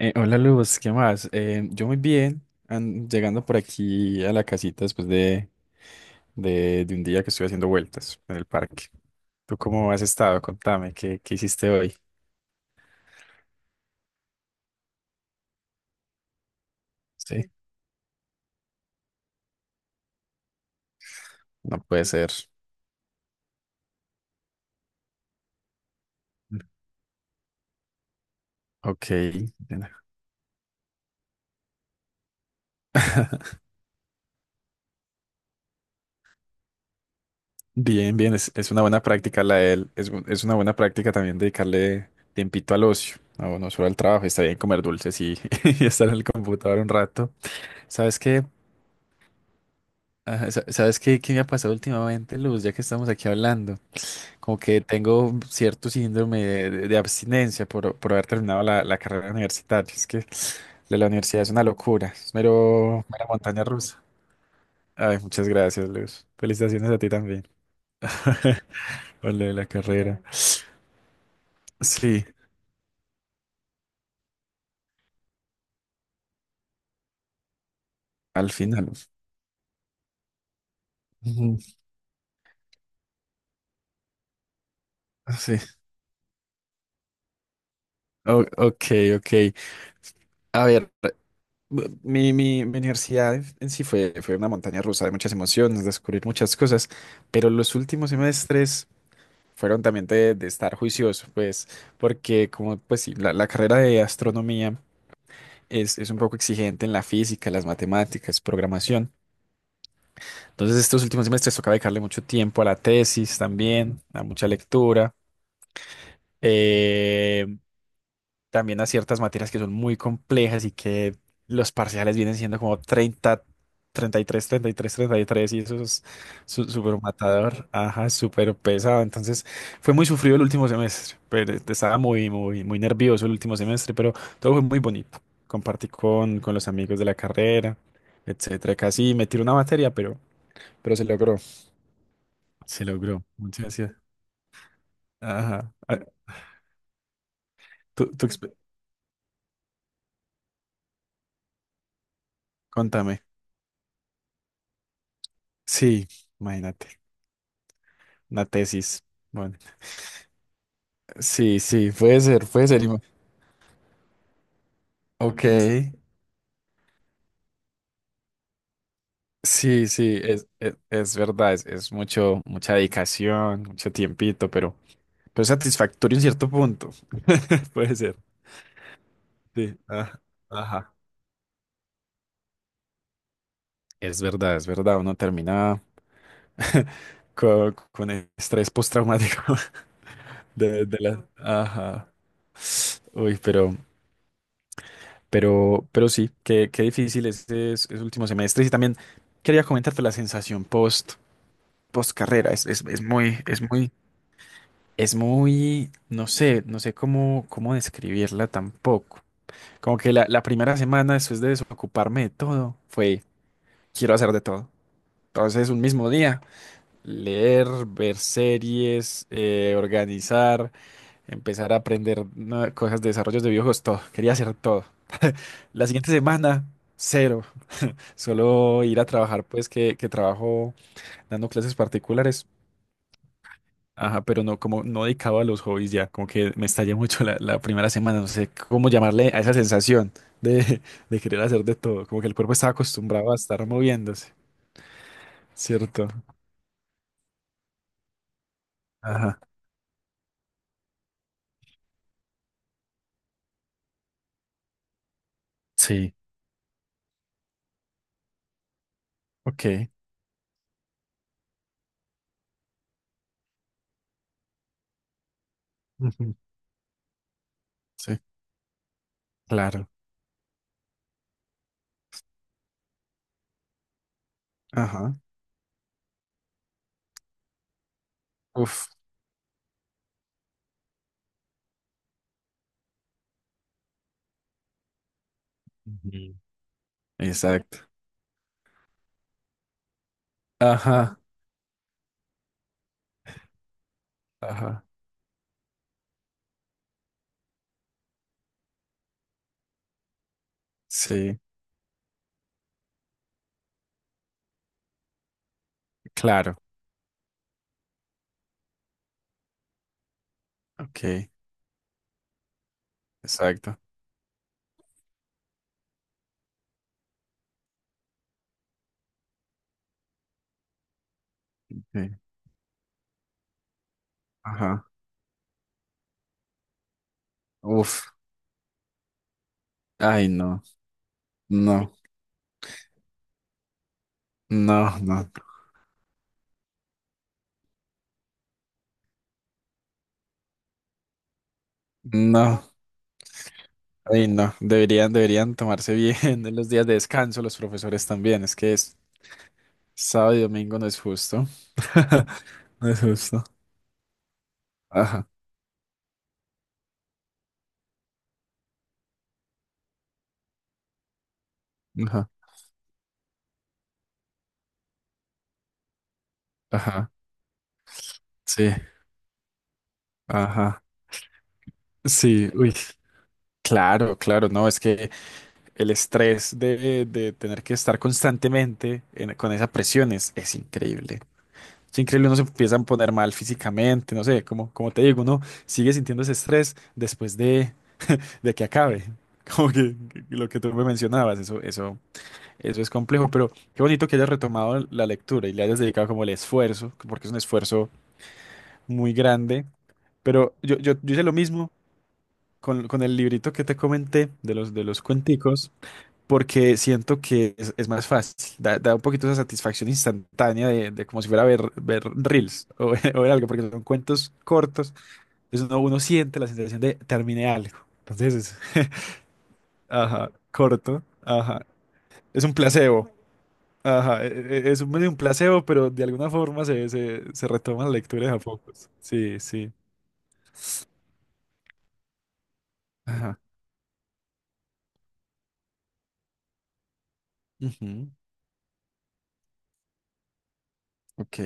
Hola Luz, ¿qué más? Yo muy bien, llegando por aquí a la casita después de un día que estuve haciendo vueltas en el parque. ¿Tú cómo has estado? Contame, ¿qué hiciste hoy? Sí, no puede ser. Ok. Bien, bien, bien, es una buena práctica la de él. Es una buena práctica también dedicarle tiempito al ocio, no, no solo al trabajo. Está bien comer dulces y estar en el computador un rato. ¿Sabes qué? Ajá, ¿Sabes qué me ha pasado últimamente, Luz? Ya que estamos aquí hablando. Como que tengo cierto síndrome de abstinencia por haber terminado la carrera universitaria. Es que la universidad es una locura, es mera montaña rusa. Ay, muchas gracias, Luz. Felicitaciones a ti también. Por lo de la carrera. Sí, al final. Ujú. Ah, sí, ok, ok. A ver, mi universidad en sí fue una montaña rusa de muchas emociones, descubrir muchas cosas, pero los últimos semestres fueron también de estar juicioso, pues, porque como, pues sí, la carrera de astronomía es un poco exigente en la física, las matemáticas, programación. Entonces, estos últimos semestres toca dedicarle mucho tiempo a la tesis también, a mucha lectura. eh, También a ciertas materias que son muy complejas y que los parciales vienen siendo como 30, 33, 33, 33 y tres, treinta y tres y eso es súper matador, ajá, súper pesado. Entonces fue muy sufrido el último semestre, pero estaba muy, muy, muy nervioso el último semestre, pero todo fue muy bonito. Compartí con los amigos de la carrera, etcétera. Casi me tiró una materia, pero se logró. Se logró. Muchas gracias. Ajá. Ah, tú- tú exp- contame. Sí, imagínate. Una tesis. Bueno. Sí, sí, puede ser, puede ser. Ok, sí, sí, es verdad, es mucho, mucha dedicación, mucho tiempito, pero satisfactorio en cierto punto. Puede ser, sí. Ajá. Es verdad, uno termina con estrés postraumático de la... Ajá. Uy, pero sí, qué difícil este es último semestre. Y también quería comentarte la sensación post, post carrera. Es muy, no sé cómo describirla tampoco. Como que la primera semana después de desocuparme de todo fue, quiero hacer de todo. Entonces, un mismo día, leer, ver series, organizar, empezar a aprender cosas de desarrollos de videojuegos, todo. Quería hacer todo. La siguiente semana, cero. Solo ir a trabajar, pues que trabajo dando clases particulares. Ajá, pero no, como no dedicado a los hobbies ya, como que me estallé mucho la primera semana, no sé cómo llamarle a esa sensación de, de querer hacer de todo, como que el cuerpo estaba acostumbrado a estar moviéndose, ¿cierto? Ajá, sí, ok. Ujú, sí, claro. Ajá, uf. Ujú. Exacto. Ajá, ajá, sí, claro. Ok, exacto. Sí, ajá, uf. Ay, no, no, no, no, no. Ay, no, deberían tomarse bien los días de descanso, los profesores también. Es que es sábado y domingo, no es justo. No es justo. Ajá, ajá, ajá, sí, ajá, sí, uy. Claro, claro, no, es que el estrés de tener que estar constantemente con esas presiones es increíble. Es increíble, uno se empieza a poner mal físicamente, no sé, como te digo, uno sigue sintiendo ese estrés después de que acabe. Como que lo que tú me mencionabas, eso es complejo, pero qué bonito que hayas retomado la lectura y le hayas dedicado como el esfuerzo, porque es un esfuerzo muy grande. Pero yo hice lo mismo con el librito que te comenté de los cuenticos, porque siento que es más fácil, da un poquito esa satisfacción instantánea de como si fuera ver, ver reels ver algo, porque son cuentos cortos, entonces uno siente la sensación de terminé algo. Entonces, ajá, corto, ajá. Es un placebo, ajá. Es un, medio un placebo, pero de alguna forma se retoman lecturas a pocos. Sí, sí. Ajá. Ujú, ok,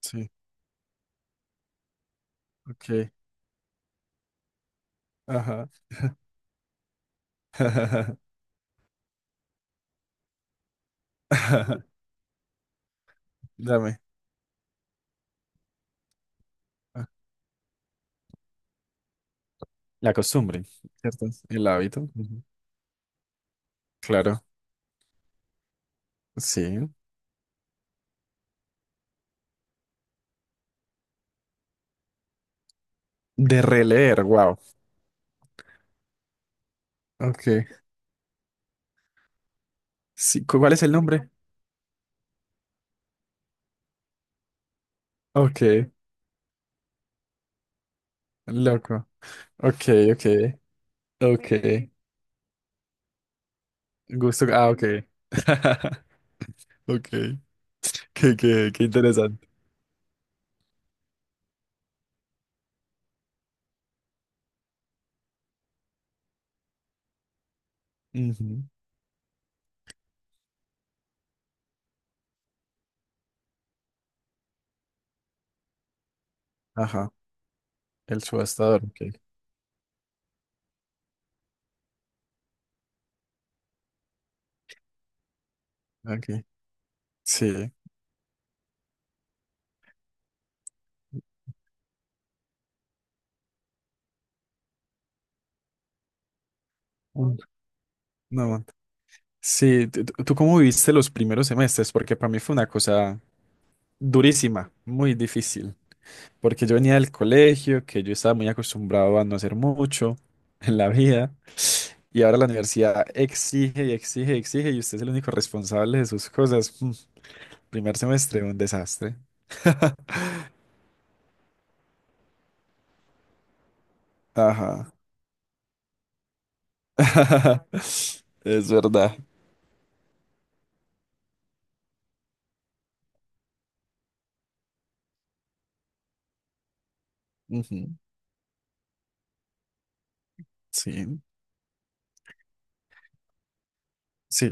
sí, ok. Ajá. Dame. ah, La costumbre, ¿cierto? El hábito. Ujú, claro, sí. De releer, wow. Ok. Sí, ¿cuál es el nombre? Ok, loco. Ok, ok, ok. Gusto. Ah, ok. Ok, qué, qué, qué interesante. Ujú. Ajá, El subastador, ok. Ok. Sí, un- una manta. Sí, ¿tú cómo viviste los primeros semestres? Porque para mí fue una cosa durísima, muy difícil. Porque yo venía del colegio, que yo estaba muy acostumbrado a no hacer mucho en la vida, y ahora la universidad exige y exige y exige, y usted es el único responsable de sus cosas. Primer semestre, un desastre. Ajá. Es verdad. Sí, sí.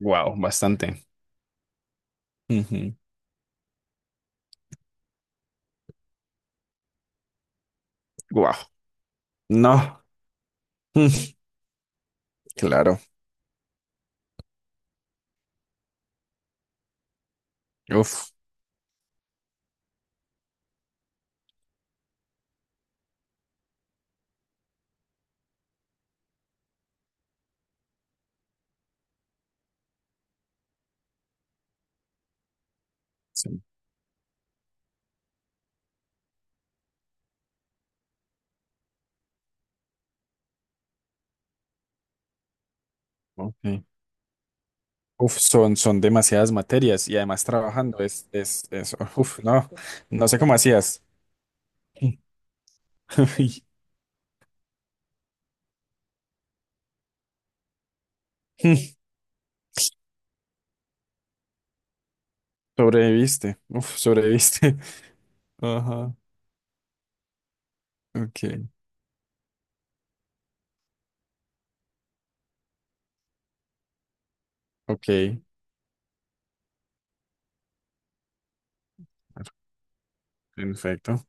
Wow, bastante. Wow. No. Mm, claro. Uf. Sí, ok. Uf, son demasiadas materias y además trabajando es, uf, no, no sé cómo hacías. Ay, sobreviviste, uf, sobreviviste. Ajá, ok, ok, perfecto.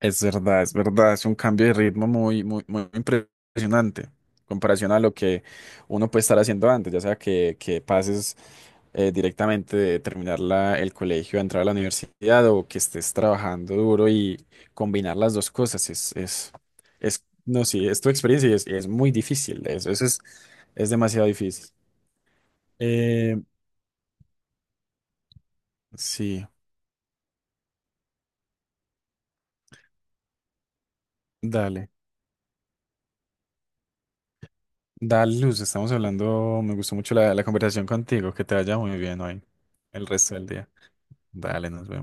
Es verdad, es verdad, es un cambio de ritmo muy, muy, muy impresionante en comparación a lo que uno puede estar haciendo antes, ya sea que pases directamente de terminar el colegio a entrar a la universidad o que estés trabajando duro y combinar las dos cosas es no, sí, es tu experiencia y es muy difícil, eso es demasiado difícil. Eh, sí, dale. Dale, Luz, estamos hablando. Me gustó mucho la conversación contigo. Que te vaya muy bien hoy, el resto del día. Dale, nos vemos.